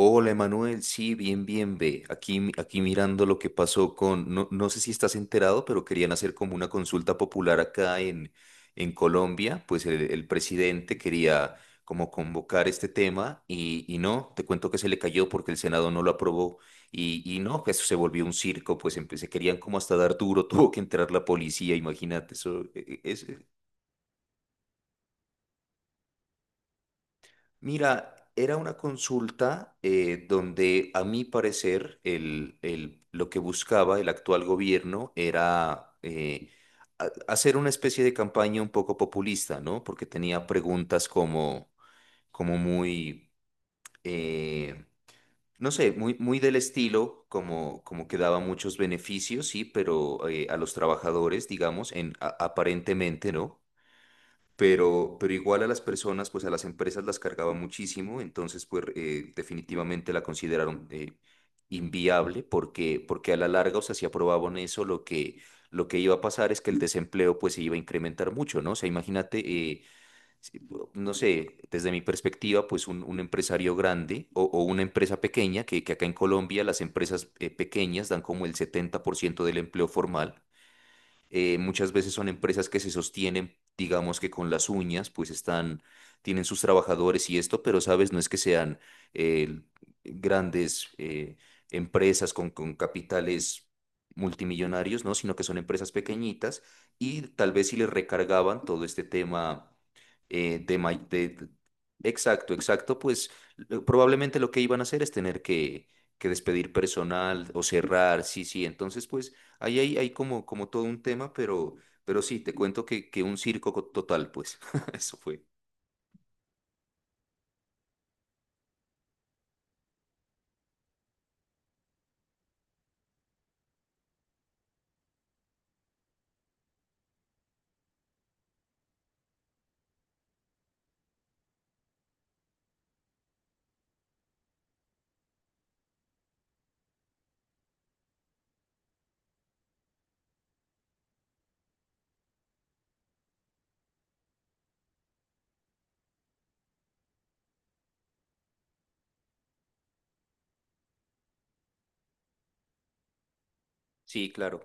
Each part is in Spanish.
Hola, Emanuel. Sí, bien, bien, ve. Aquí, aquí mirando lo que pasó con, no, sé si estás enterado, pero querían hacer como una consulta popular acá en Colombia. Pues el presidente quería como convocar este tema y no, te cuento que se le cayó porque el Senado no lo aprobó y no, eso se volvió un circo, pues se querían como hasta dar duro, tuvo que entrar la policía, imagínate, eso. Mira, era una consulta donde, a mi parecer, lo que buscaba el actual gobierno era hacer una especie de campaña un poco populista, ¿no? Porque tenía preguntas como, como muy, eh, no sé, muy, muy del estilo, como, como que daba muchos beneficios, sí, pero a los trabajadores, digamos, en, aparentemente, ¿no? Pero igual a las personas, pues a las empresas las cargaba muchísimo, entonces pues definitivamente la consideraron inviable porque, porque a la larga, o sea, si aprobaban eso, lo que iba a pasar es que el desempleo pues se iba a incrementar mucho, ¿no? O sea, imagínate, eh, si- no sé, desde mi perspectiva, pues un empresario grande o una empresa pequeña, que acá en Colombia las empresas pequeñas dan como el 70% del empleo formal. Muchas veces son empresas que se sostienen, digamos que con las uñas, pues están, tienen sus trabajadores y esto, pero sabes, no es que sean eh, grandes empresas con capitales multimillonarios, ¿no? Sino que son empresas pequeñitas y tal vez si les recargaban todo este tema de, ma- de- Exacto, exacto, pues probablemente lo que iban a hacer es tener que despedir personal o cerrar, sí, sí, entonces pues... Ahí hay, hay como, como todo un tema, pero sí, te cuento que un circo total, pues. Eso fue. Sí, claro.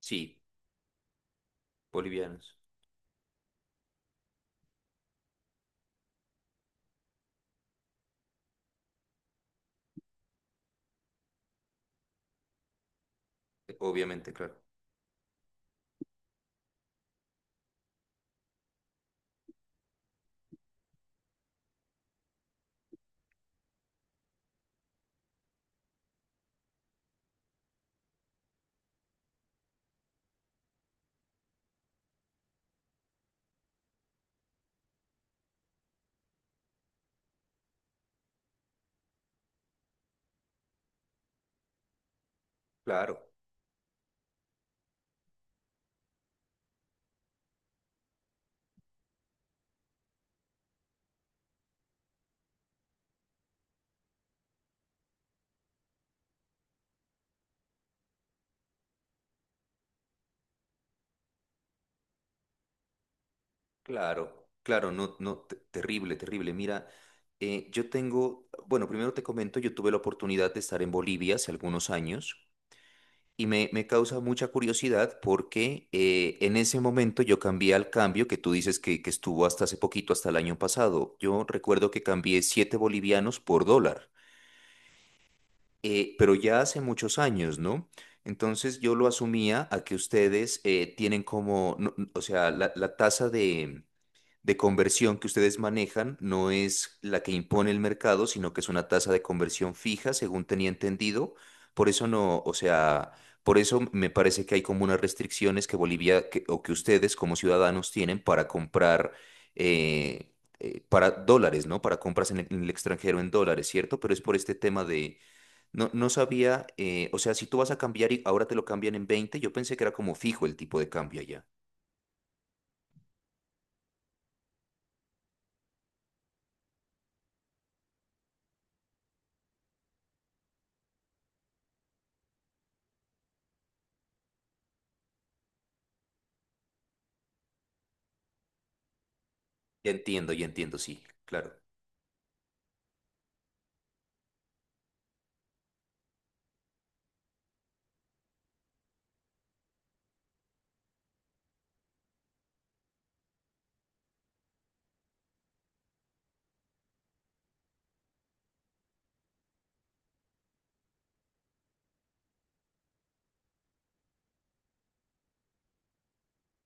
Sí, bolivianos. Eh, obviamente, claro. Claro, claro, claro, no, no, terrible, terrible. Mira, yo tengo, bueno, primero te comento, yo tuve la oportunidad de estar en Bolivia hace algunos años. Y me causa mucha curiosidad porque en ese momento yo cambié al cambio que tú dices que estuvo hasta hace poquito, hasta el año pasado. Yo recuerdo que cambié 7 bolivianos por dólar, pero ya hace muchos años, ¿no? Entonces yo lo asumía a que ustedes tienen como, o sea, la tasa de conversión que ustedes manejan no es la que impone el mercado, sino que es una tasa de conversión fija, según tenía entendido. Por eso no, o sea, por eso me parece que hay como unas restricciones que Bolivia o que ustedes como ciudadanos tienen para comprar eh, para dólares, ¿no? Para compras en el extranjero en dólares, ¿cierto? Pero es por este tema de no, no sabía, o sea, si tú vas a cambiar y ahora te lo cambian en veinte, yo pensé que era como fijo el tipo de cambio allá. Ya entiendo, sí, claro.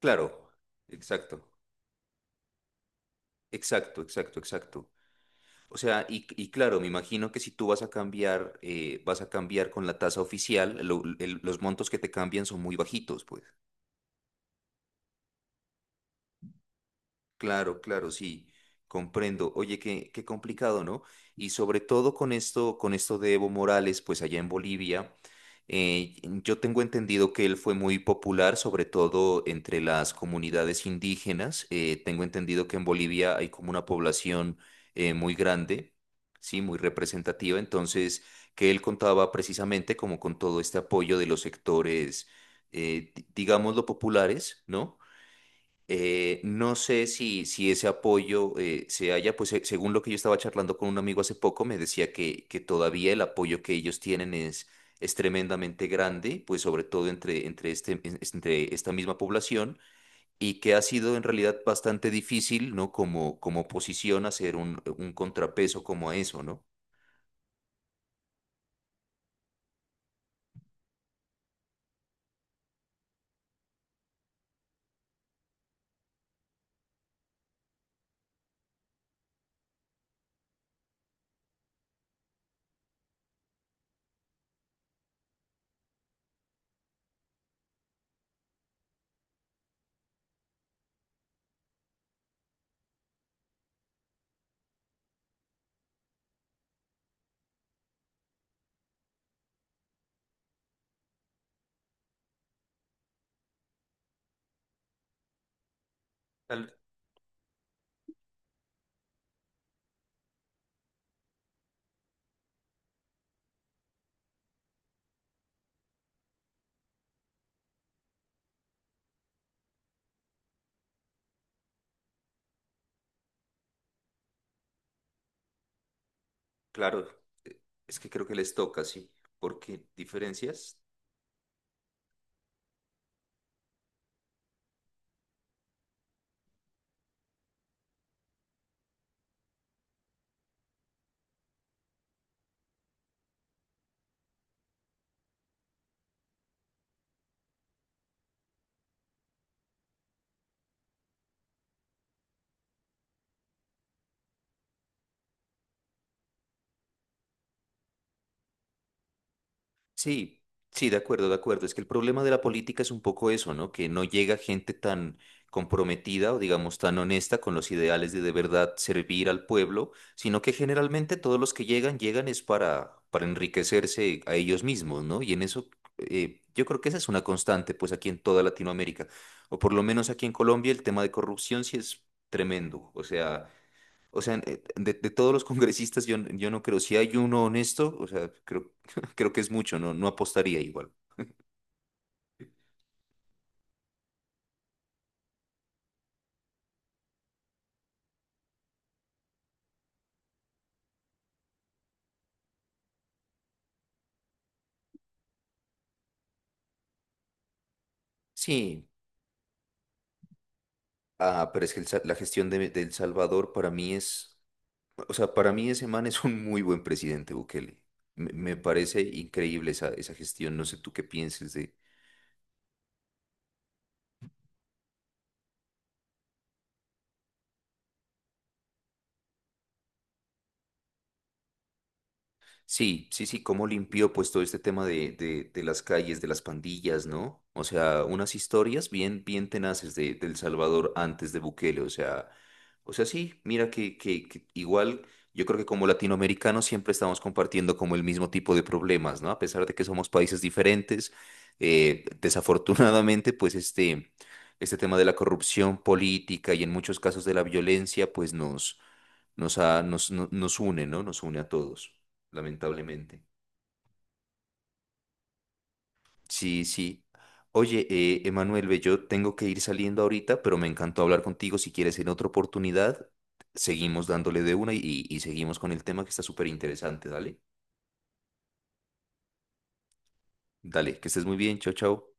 Claro, exacto, exacto, exacto, exacto. O sea, y claro, me imagino que si tú vas a cambiar con la tasa oficial, los montos que te cambian son muy bajitos, pues. Claro, claro, sí, comprendo. Oye, qué, qué complicado, ¿no? Y sobre todo con esto de Evo Morales, pues allá en Bolivia, eh, yo tengo entendido que él fue muy popular, sobre todo entre las comunidades indígenas. Tengo entendido que en Bolivia hay como una población muy grande, sí, muy representativa. Entonces, que él contaba precisamente como con todo este apoyo de los sectores, digámoslo, populares, ¿no? No sé si, si ese apoyo se haya pues según lo que yo estaba charlando con un amigo hace poco, me decía que todavía el apoyo que ellos tienen es tremendamente grande, pues sobre todo entre, entre, este, entre esta misma población, y que ha sido en realidad bastante difícil, ¿no? Como, como oposición hacer un contrapeso como a eso, ¿no? Tal- Claro, eh, es que creo que les toca, sí, porque diferencias. Sí, sí, de acuerdo, de acuerdo. Es que el problema de la política es un poco eso, ¿no? Que no llega gente tan comprometida o digamos tan honesta con los ideales de verdad servir al pueblo, sino que generalmente todos los que llegan, llegan es para enriquecerse a ellos mismos, ¿no? Y en eso yo creo que esa es una constante, pues aquí en toda Latinoamérica, o por lo menos aquí en Colombia el tema de corrupción sí es tremendo. O sea, de todos los congresistas yo, yo no creo, si hay uno honesto, o sea, creo, creo que es mucho, no, no apostaría igual. Sí, ah, pero es que el la gestión de El Salvador para mí es, o sea, para mí ese man es un muy buen presidente, Bukele. Me parece increíble esa, esa gestión, no sé tú qué pienses de, sí, sí, sí, cómo limpió pues todo este tema de las calles, de las pandillas, ¿no? O sea, unas historias bien, bien tenaces de, del Salvador antes de Bukele, o sea, sí, mira que igual yo creo que como latinoamericanos siempre estamos compartiendo como el mismo tipo de problemas, ¿no? A pesar de que somos países diferentes, desafortunadamente pues este tema de la corrupción política y en muchos casos de la violencia pues nos, nos, nos, nos une, ¿no? Nos une a todos lamentablemente. Sí, sí. Oye, Emanuel, ve, yo tengo que ir saliendo ahorita, pero me encantó hablar contigo. Si quieres en otra oportunidad, seguimos dándole de una y seguimos con el tema que está súper interesante. Dale, dale, que estés muy bien. Chao, chao.